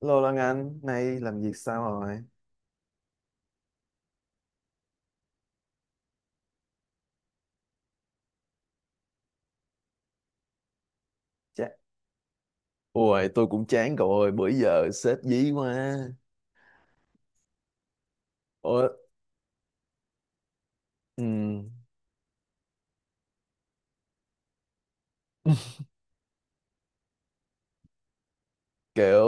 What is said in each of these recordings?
Lô Lan Anh, nay làm việc sao rồi? Chà, ôi, tôi cũng chán cậu ơi, bữa giờ sếp dí quá. Ôi, ừm, kiểu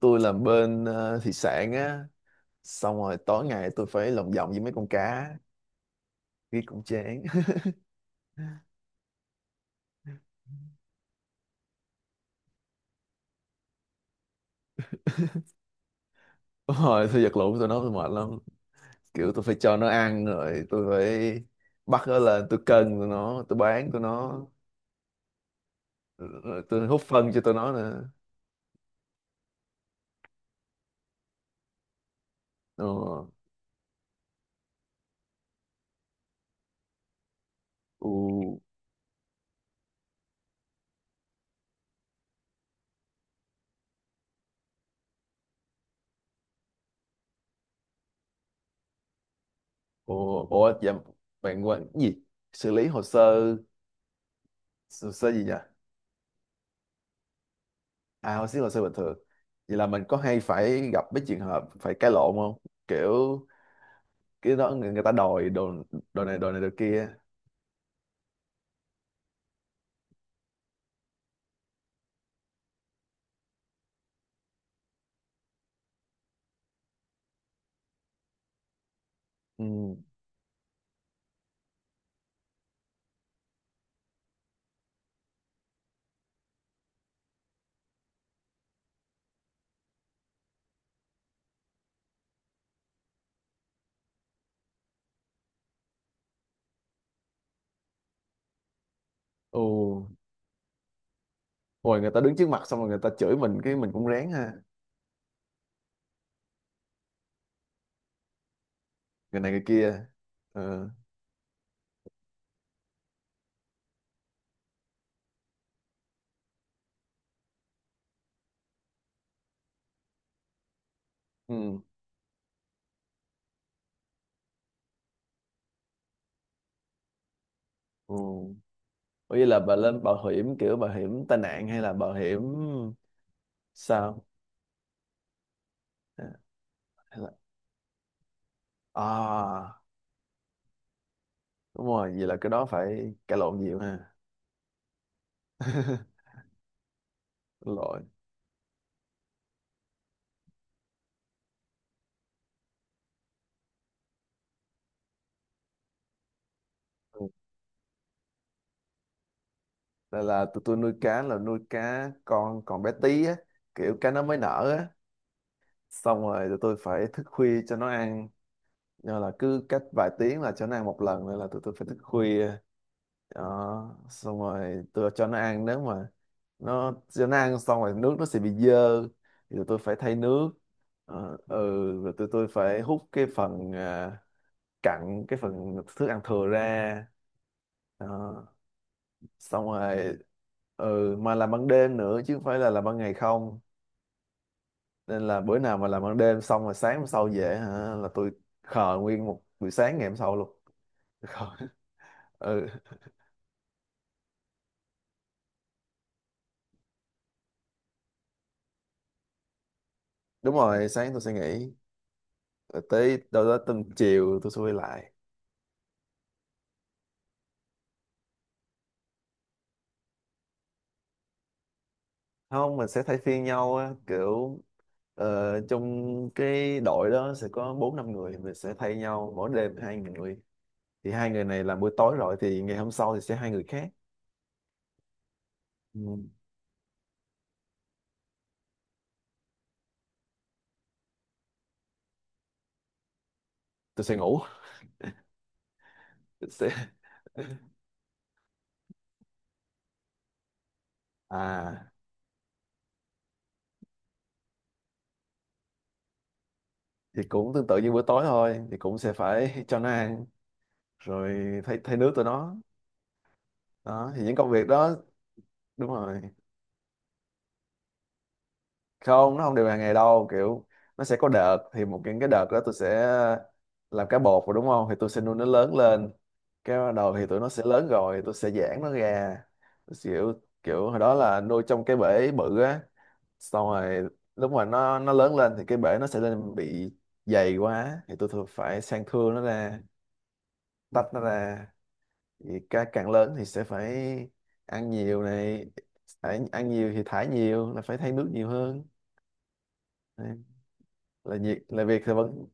tôi làm bên thị sản á, xong rồi tối ngày tôi phải lồng vòng với mấy con cá, cái cũng chán. Đúng rồi, tôi vật lộn tôi nói tôi mệt lắm. Kiểu tôi phải cho nó ăn rồi, tôi phải bắt nó lên, tôi cân tụi nó, tôi bán tụi nó, rồi tôi hút phân cho tụi nó nữa. Ờ, ừ. Ủa, dạ, bạn quên cái gì? Xử lý hồ sơ gì nhỉ? À, hồ sơ bình thường. Vậy là mình có hay phải gặp mấy trường hợp phải cãi lộn không? Kiểu cái đó người ta đòi đồ đồ này đồ này đồ kia. Ừ. Ồ, rồi người ta đứng trước mặt xong rồi người ta chửi mình cái mình cũng rén ha. Người này người kia. Ừ. Ừ. Ừ. Ủa vậy là bà lên bảo hiểm kiểu bảo hiểm tai nạn hay là bảo hiểm sao? À, hay là... à đúng rồi, vậy là cái đó phải cãi lộn nhiều ha. Lội. Ừ. Là tụi tôi nuôi cá là nuôi cá con còn bé tí á, kiểu cá nó mới nở á, xong rồi tụi tôi phải thức khuya cho nó ăn, do là cứ cách vài tiếng là cho nó ăn một lần nên là tụi tôi phải thức khuya. Đó, xong rồi tôi cho nó ăn, nếu mà nó cho nó ăn xong rồi nước nó sẽ bị dơ thì tụi tôi phải thay nước. Ờ, ừ, rồi tụi tôi phải hút cái phần cặn, cái phần thức ăn thừa ra đó. Xong rồi ừ, mà làm ban đêm nữa chứ không phải là làm ban ngày không, nên là bữa nào mà làm ban đêm xong rồi sáng hôm sau về hả là tôi khờ nguyên một buổi sáng ngày hôm sau luôn. Khờ. Ừ, đúng rồi, sáng tôi sẽ nghỉ, rồi tới đâu đó tầm chiều tôi sẽ quay lại. Không, mình sẽ thay phiên nhau á, kiểu trong cái đội đó sẽ có bốn năm người, mình sẽ thay nhau mỗi đêm hai người, thì hai người này làm buổi tối rồi thì ngày hôm sau thì sẽ hai người khác. Ừ. Tôi sẽ ngủ. Tôi sẽ à thì cũng tương tự như bữa tối thôi, thì cũng sẽ phải cho nó ăn rồi thay thay nước tụi nó, đó thì những công việc đó. Đúng rồi, không nó không đều hàng ngày đâu, kiểu nó sẽ có đợt, thì một cái đợt đó tôi sẽ làm cá bột rồi, đúng không, thì tôi sẽ nuôi nó lớn lên, cái bắt đầu thì tụi nó sẽ lớn rồi tôi sẽ giãn nó ra, kiểu kiểu hồi đó là nuôi trong cái bể bự á, xong rồi lúc mà nó lớn lên thì cái bể nó sẽ lên bị dày quá thì tôi thường phải sang thưa nó ra, tách nó ra. Thì càng lớn thì sẽ phải ăn nhiều này, phải ăn nhiều thì thải nhiều là phải thay nước nhiều hơn. Đấy, là việc thì vẫn.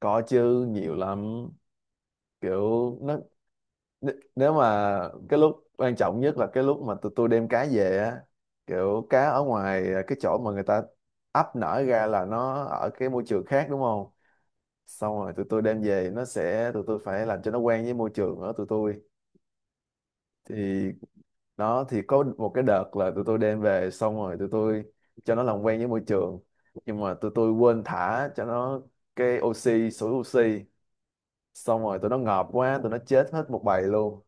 Có chứ, nhiều lắm, kiểu nó nếu mà cái lúc quan trọng nhất là cái lúc mà tụi tôi đem cá về á, kiểu cá ở ngoài cái chỗ mà người ta ấp nở ra là nó ở cái môi trường khác đúng không, xong rồi tụi tôi đem về nó sẽ tụi tôi phải làm cho nó quen với môi trường ở tụi tôi. Thì đó thì có một cái đợt là tụi tôi đem về xong rồi tụi tôi cho nó làm quen với môi trường, nhưng mà tụi tôi quên thả cho nó cái oxy, sủi oxy, xong rồi tụi nó ngợp quá, tụi nó chết hết một bầy luôn,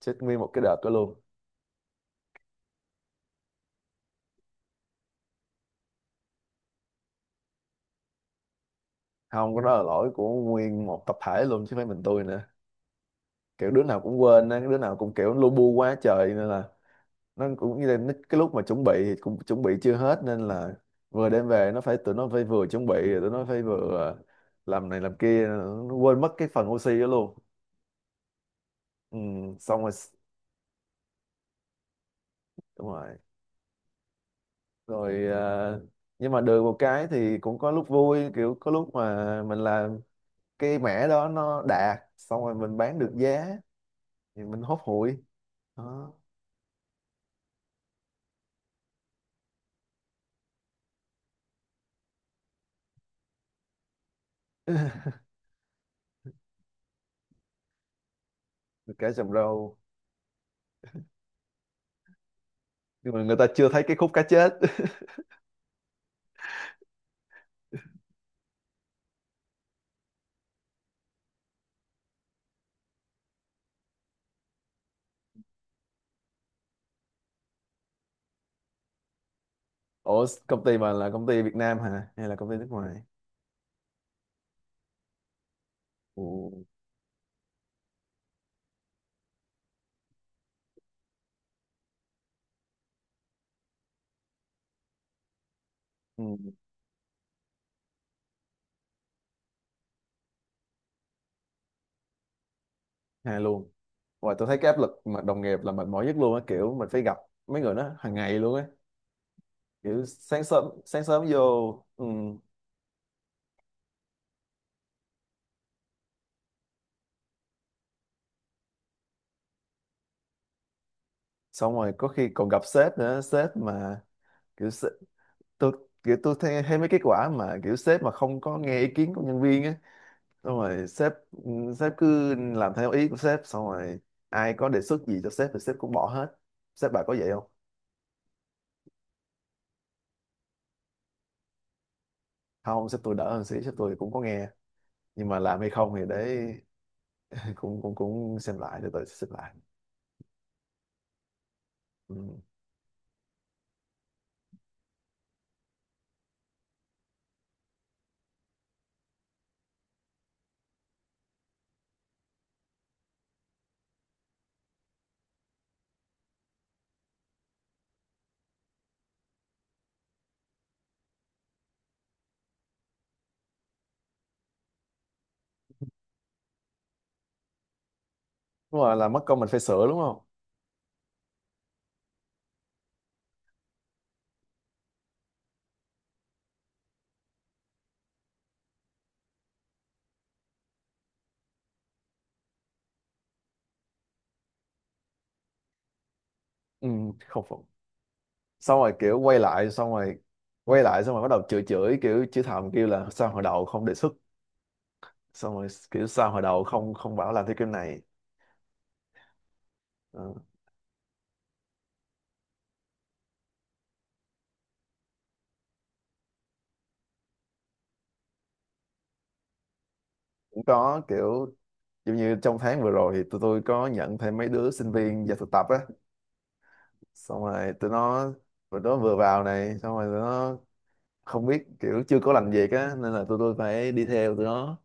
chết nguyên một cái đợt đó luôn. Không có, đó là lỗi của nguyên một tập thể luôn chứ không phải mình tôi nữa, kiểu đứa nào cũng quên á, đứa nào cũng kiểu lu bu quá trời nên là nó cũng như là nó- cái lúc mà chuẩn bị thì cũng chuẩn bị chưa hết, nên là vừa đem về nó phải tụi nó phải vừa chuẩn bị rồi tụi nó phải vừa làm này làm kia, nó quên mất cái phần oxy đó luôn. Ừ, xong rồi. Đúng rồi, rồi nhưng mà được một cái thì cũng có lúc vui, kiểu có lúc mà mình làm cái mẻ đó nó đạt xong rồi mình bán được giá thì mình hốt hụi, đó. Cá chầm râu, nhưng mà người ta chưa thấy cái khúc cá chết. Ủa, công ty mà là công ty Việt Nam hả hay là công ty nước ngoài? Ừ. Ừ. Hay luôn. Và tôi thấy cái áp lực mà đồng nghiệp là mệt mỏi nhất luôn á, kiểu mình phải gặp mấy người đó hàng ngày luôn á. Kiểu sáng sớm vô. Ừ. Xong rồi có khi còn gặp sếp nữa, sếp mà kiểu sếp, tôi kiểu tôi thấy mấy cái quả mà kiểu sếp mà không có nghe ý kiến của nhân viên á, xong rồi sếp, ừ, sếp cứ làm theo ý của sếp, xong rồi ai có đề xuất gì cho sếp thì sếp cũng bỏ hết. Sếp bà có vậy không? Không, sếp tôi đỡ hơn xí, sếp tôi cũng có nghe, nhưng mà làm hay không thì để cũng cũng cũng xem lại, từ từ sẽ xem lại. Ừ. Đúng rồi, là mất công mình phải sửa đúng không. Ừ, không phục, xong rồi kiểu quay lại, xong rồi quay lại, xong rồi bắt đầu chửi chửi, kiểu chửi thầm, kêu là sao hồi đầu không đề xuất, xong rồi kiểu sao hồi đầu không không bảo làm theo kiểu này. Ừ. Cũng có, kiểu giống như trong tháng vừa rồi thì tụi tôi có nhận thêm mấy đứa sinh viên vào thực tập á, xong rồi tụi nó vừa vào này xong rồi tụi nó không biết, kiểu chưa có làm việc á nên là tụi tôi phải đi theo tụi nó,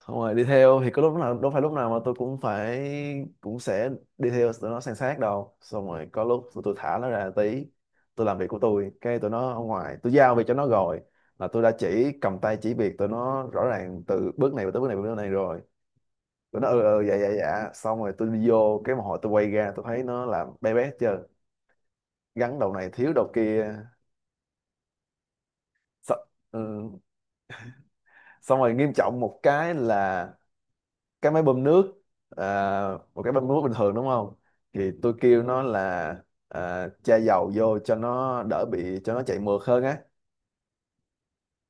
xong rồi đi theo thì có lúc nào đâu, phải lúc nào mà tôi cũng phải cũng sẽ đi theo tụi nó san sát đâu, xong rồi có lúc tụi tôi thả nó ra tí, tôi làm việc của tôi, cái tụi nó ở ngoài tôi giao việc cho nó rồi, là tôi đã chỉ cầm tay chỉ việc tụi nó rõ ràng từ bước này tới bước này tới bước này rồi, tụi nó ừ ừ dạ dạ dạ, xong rồi tôi đi vô, cái một hồi tôi quay ra tôi thấy nó làm bé bé chưa, gắn đầu này thiếu đầu kia. Ừ. Xong rồi nghiêm trọng một cái là cái máy bơm nước, à, một cái bơm nước bình thường đúng không, thì tôi kêu nó là cha dầu vô cho nó đỡ bị, cho nó chạy mượt hơn á.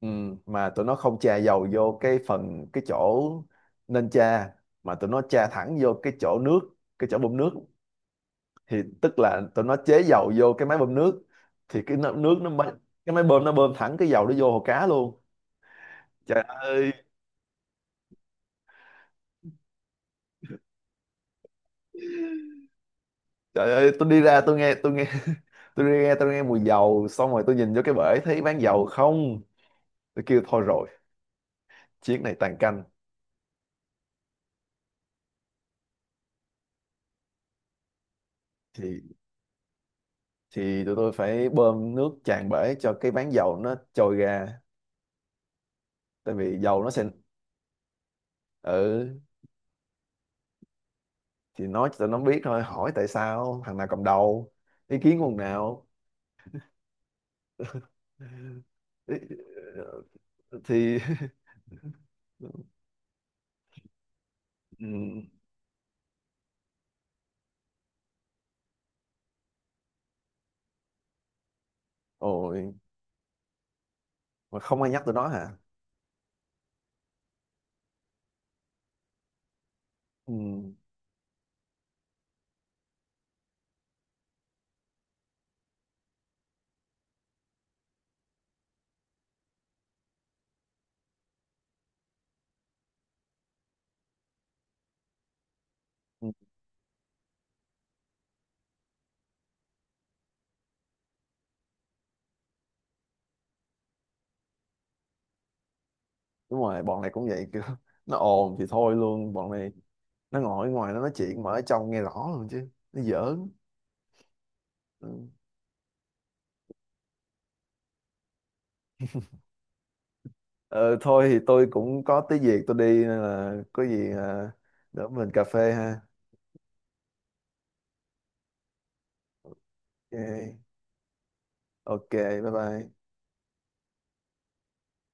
Ừ, mà tụi nó không chà dầu vô cái phần cái chỗ nên chà, mà tụi nó chà thẳng vô cái chỗ nước, cái chỗ bơm nước, thì tức là tụi nó chế dầu vô cái máy bơm nước, thì cái nó- nước nó mới- cái máy bơm nó bơm thẳng cái dầu nó vô hồ cá luôn. Trời ơi. Trời ơi, tôi đi ra tôi nghe tôi đi nghe tôi nghe mùi dầu, xong rồi tôi nhìn vô cái bể thấy bán dầu không, tôi kêu thôi rồi, chiếc này tàn canh. Thì thì tụi tôi phải bơm nước tràn bể cho cái bán dầu nó trôi ra, tại vì dầu nó sẽ. Ừ, thì nói cho tụi nó biết thôi, hỏi tại sao, thằng nào cầm đầu, ý kiến của thằng nào. Ý- thì. Ừ, ôi mà không ai nhắc tụi nó hả? Ừ. Ừ. Đúng rồi, bọn này cũng vậy, kiểu nó ồn thì thôi luôn, bọn này nó ngồi ở ngoài nó nói chuyện mà ở trong nghe rõ luôn, chứ nó giỡn. Ừ. Ờ, thôi thì tôi cũng có tí việc tôi đi, nên là có gì đỡ mình cà phê ha. Ok, ok, bye bye.